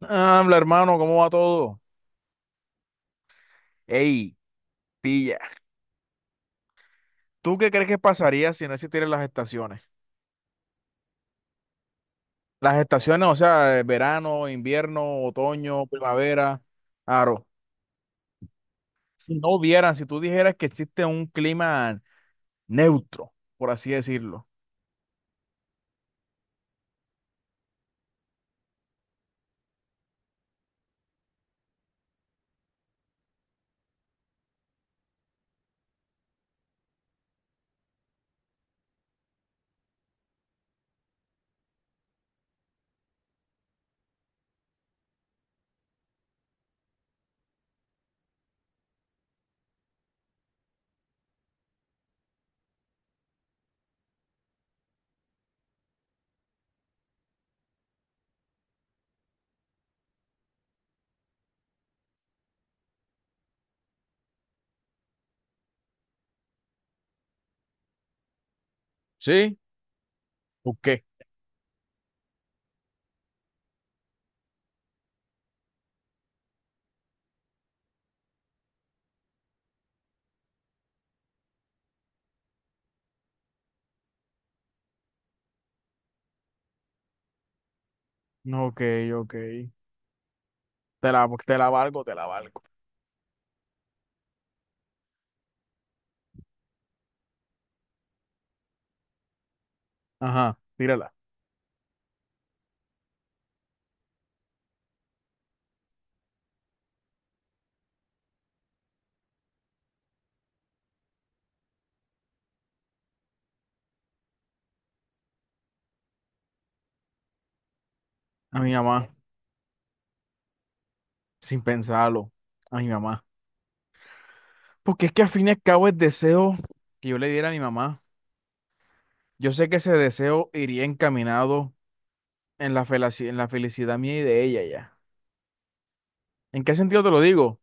Habla, hermano, ¿cómo va todo? Ey, pilla. ¿Tú qué crees que pasaría si no existieran las estaciones? Las estaciones, o sea, verano, invierno, otoño, primavera, aro. Si no hubieran, si tú dijeras que existe un clima neutro, por así decirlo. ¿Sí? ¿O qué? No. Ok, ok. Te la valgo, te la valgo. Ajá, tírala. A mi mamá, sin pensarlo. A mi mamá. Porque es que al fin y al cabo el deseo que yo le diera a mi mamá, yo sé que ese deseo iría encaminado en la felicidad mía y de ella ya. ¿En qué sentido te lo digo?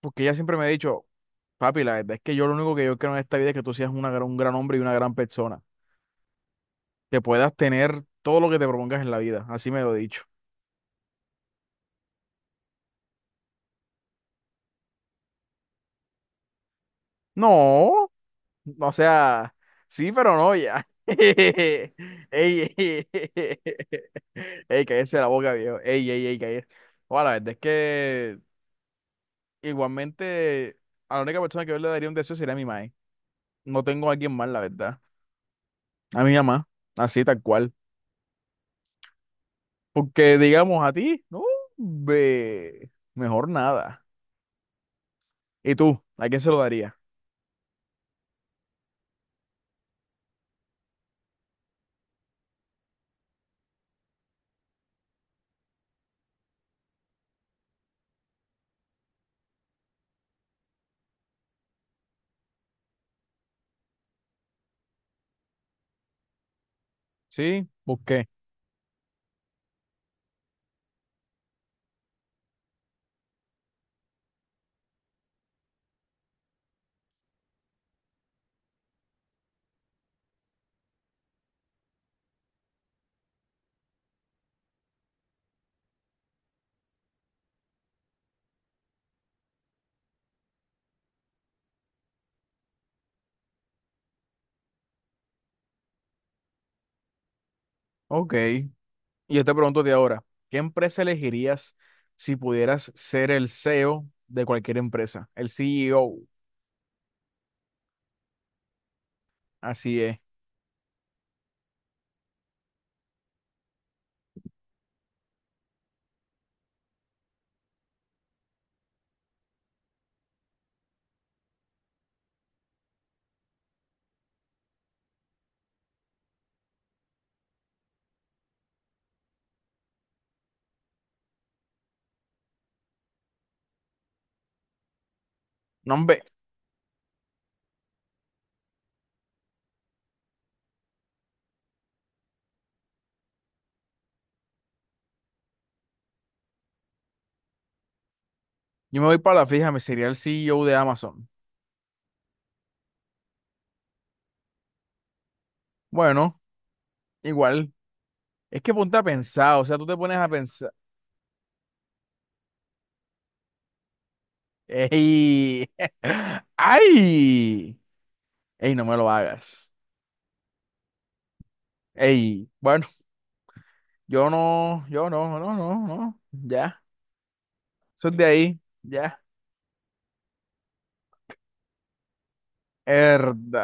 Porque ella siempre me ha dicho, papi, la verdad es que yo lo único que yo quiero en esta vida es que tú seas un gran hombre y una gran persona, que puedas tener todo lo que te propongas en la vida, así me lo he dicho. No, o sea, sí, pero no ya. Ey, ey, ey, ey, cállese la boca, viejo. Ey, ey, ey, cállese. Bueno, la verdad es que, igualmente, a la única persona que yo le daría un deseo sería a mi madre. No tengo a alguien más, la verdad. A mi mamá, así tal cual. Porque digamos a ti, no, ve, mejor nada. ¿Y tú? ¿A quién se lo daría? ¿Sí? ¿Por qué? Ok. Y yo te pregunto de ahora, ¿qué empresa elegirías si pudieras ser el CEO de cualquier empresa? El CEO, así es. No, hombre, yo me voy para la fija, me sería el CEO de Amazon. Bueno, igual. Es que ponte a pensar, o sea, tú te pones a pensar. Ey, ay, ey, no me lo hagas. Ey, bueno, yo no, yo no, no, no, no, ya, eso es de ahí, ya. Herda,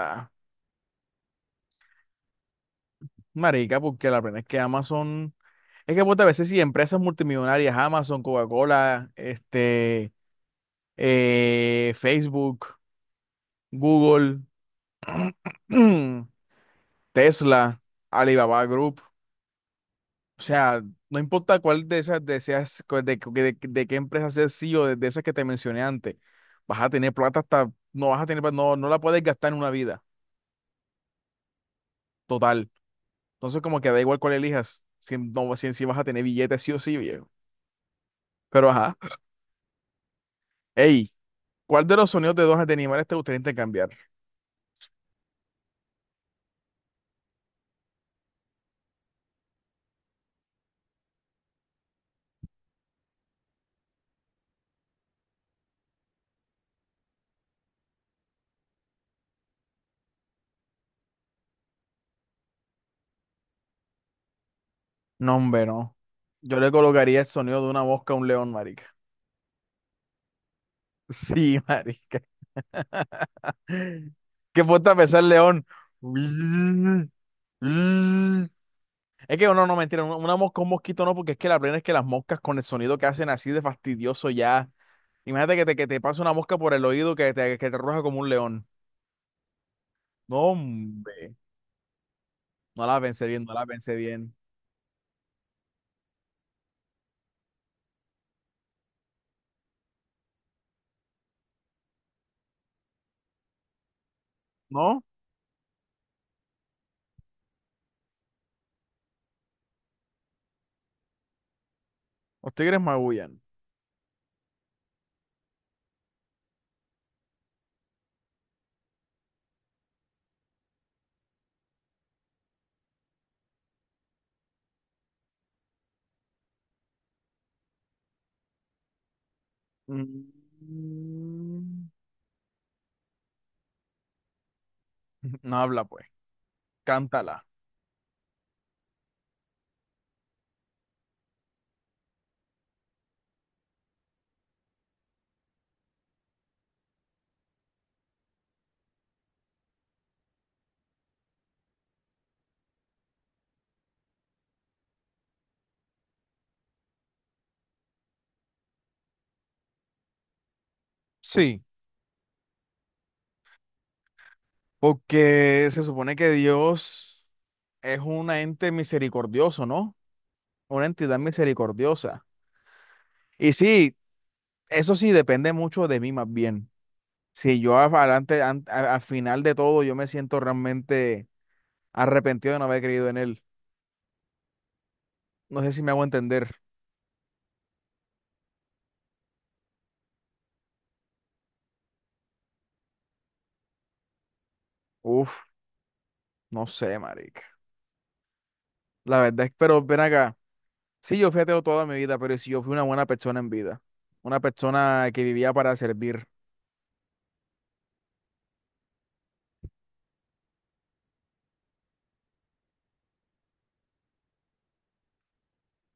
marica, porque la pena es que Amazon, es que pues, a veces sí, empresas multimillonarias, Amazon, Coca-Cola, este, Facebook, Google, Tesla, Alibaba Group. O sea, no importa cuál de esas deseas, cuál de qué empresa seas CEO de esas que te mencioné antes, vas a tener plata hasta, no vas a tener, no, no la puedes gastar en una vida total. Entonces, como que da igual cuál elijas, si, no, si vas a tener billetes sí o sí, viejo. Pero ajá. Ey, ¿cuál de los sonidos de dos de animales te gustaría intercambiar? No, hombre, no. Yo le colocaría el sonido de una mosca a un león, marica. Sí, marica. ¿Qué puesta a pensar, león? Es que no, no, mentira, una mosca, un mosquito no, porque es que la plena es que las moscas con el sonido que hacen así de fastidioso ya. Imagínate que te pasa una mosca por el oído que te ruja como un león. No, hombre, no la pensé bien, no la pensé bien. ¿No? Los tigres magullan. Mm. No habla pues, cántala. Sí, porque se supone que Dios es un ente misericordioso, ¿no? Una entidad misericordiosa. Y sí, eso sí depende mucho de mí más bien. Si yo adelante, al final de todo, yo me siento realmente arrepentido de no haber creído en él. No sé si me hago entender. Uf, no sé, marica. La verdad es, pero ven acá. Sí, yo fui ateo toda mi vida, pero si yo fui una buena persona en vida. Una persona que vivía para servir.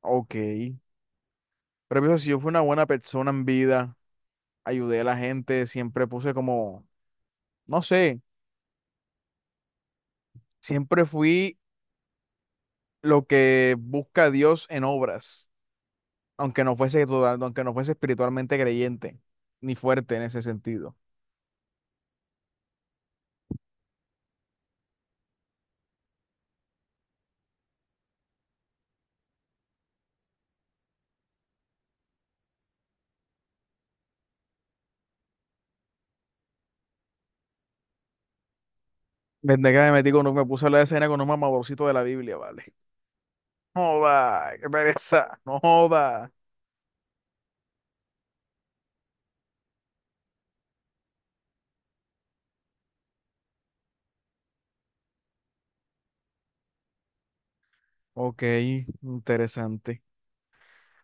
Ok. Pero pienso, si yo fui una buena persona en vida, ayudé a la gente, siempre puse como, no sé, siempre fui lo que busca Dios en obras, aunque no fuese total, aunque no fuese espiritualmente creyente, ni fuerte en ese sentido. Desde que me metí me puse a la escena con un mamaborcito de la Biblia, ¿vale? Joda, qué pereza, no joda. Ok, interesante.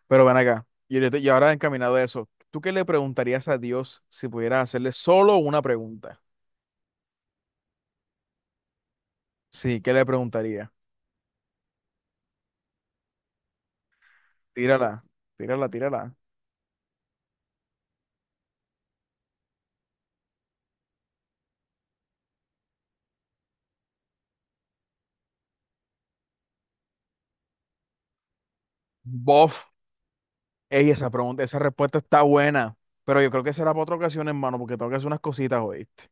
Pero ven acá, y ahora encaminado a eso, ¿tú qué le preguntarías a Dios si pudieras hacerle solo una pregunta? Sí, ¿qué le preguntaría? Tírala, tírala, tírala. Bof, ey, esa pregunta, esa respuesta está buena, pero yo creo que será para otra ocasión, hermano, porque tengo que hacer unas cositas, ¿oíste?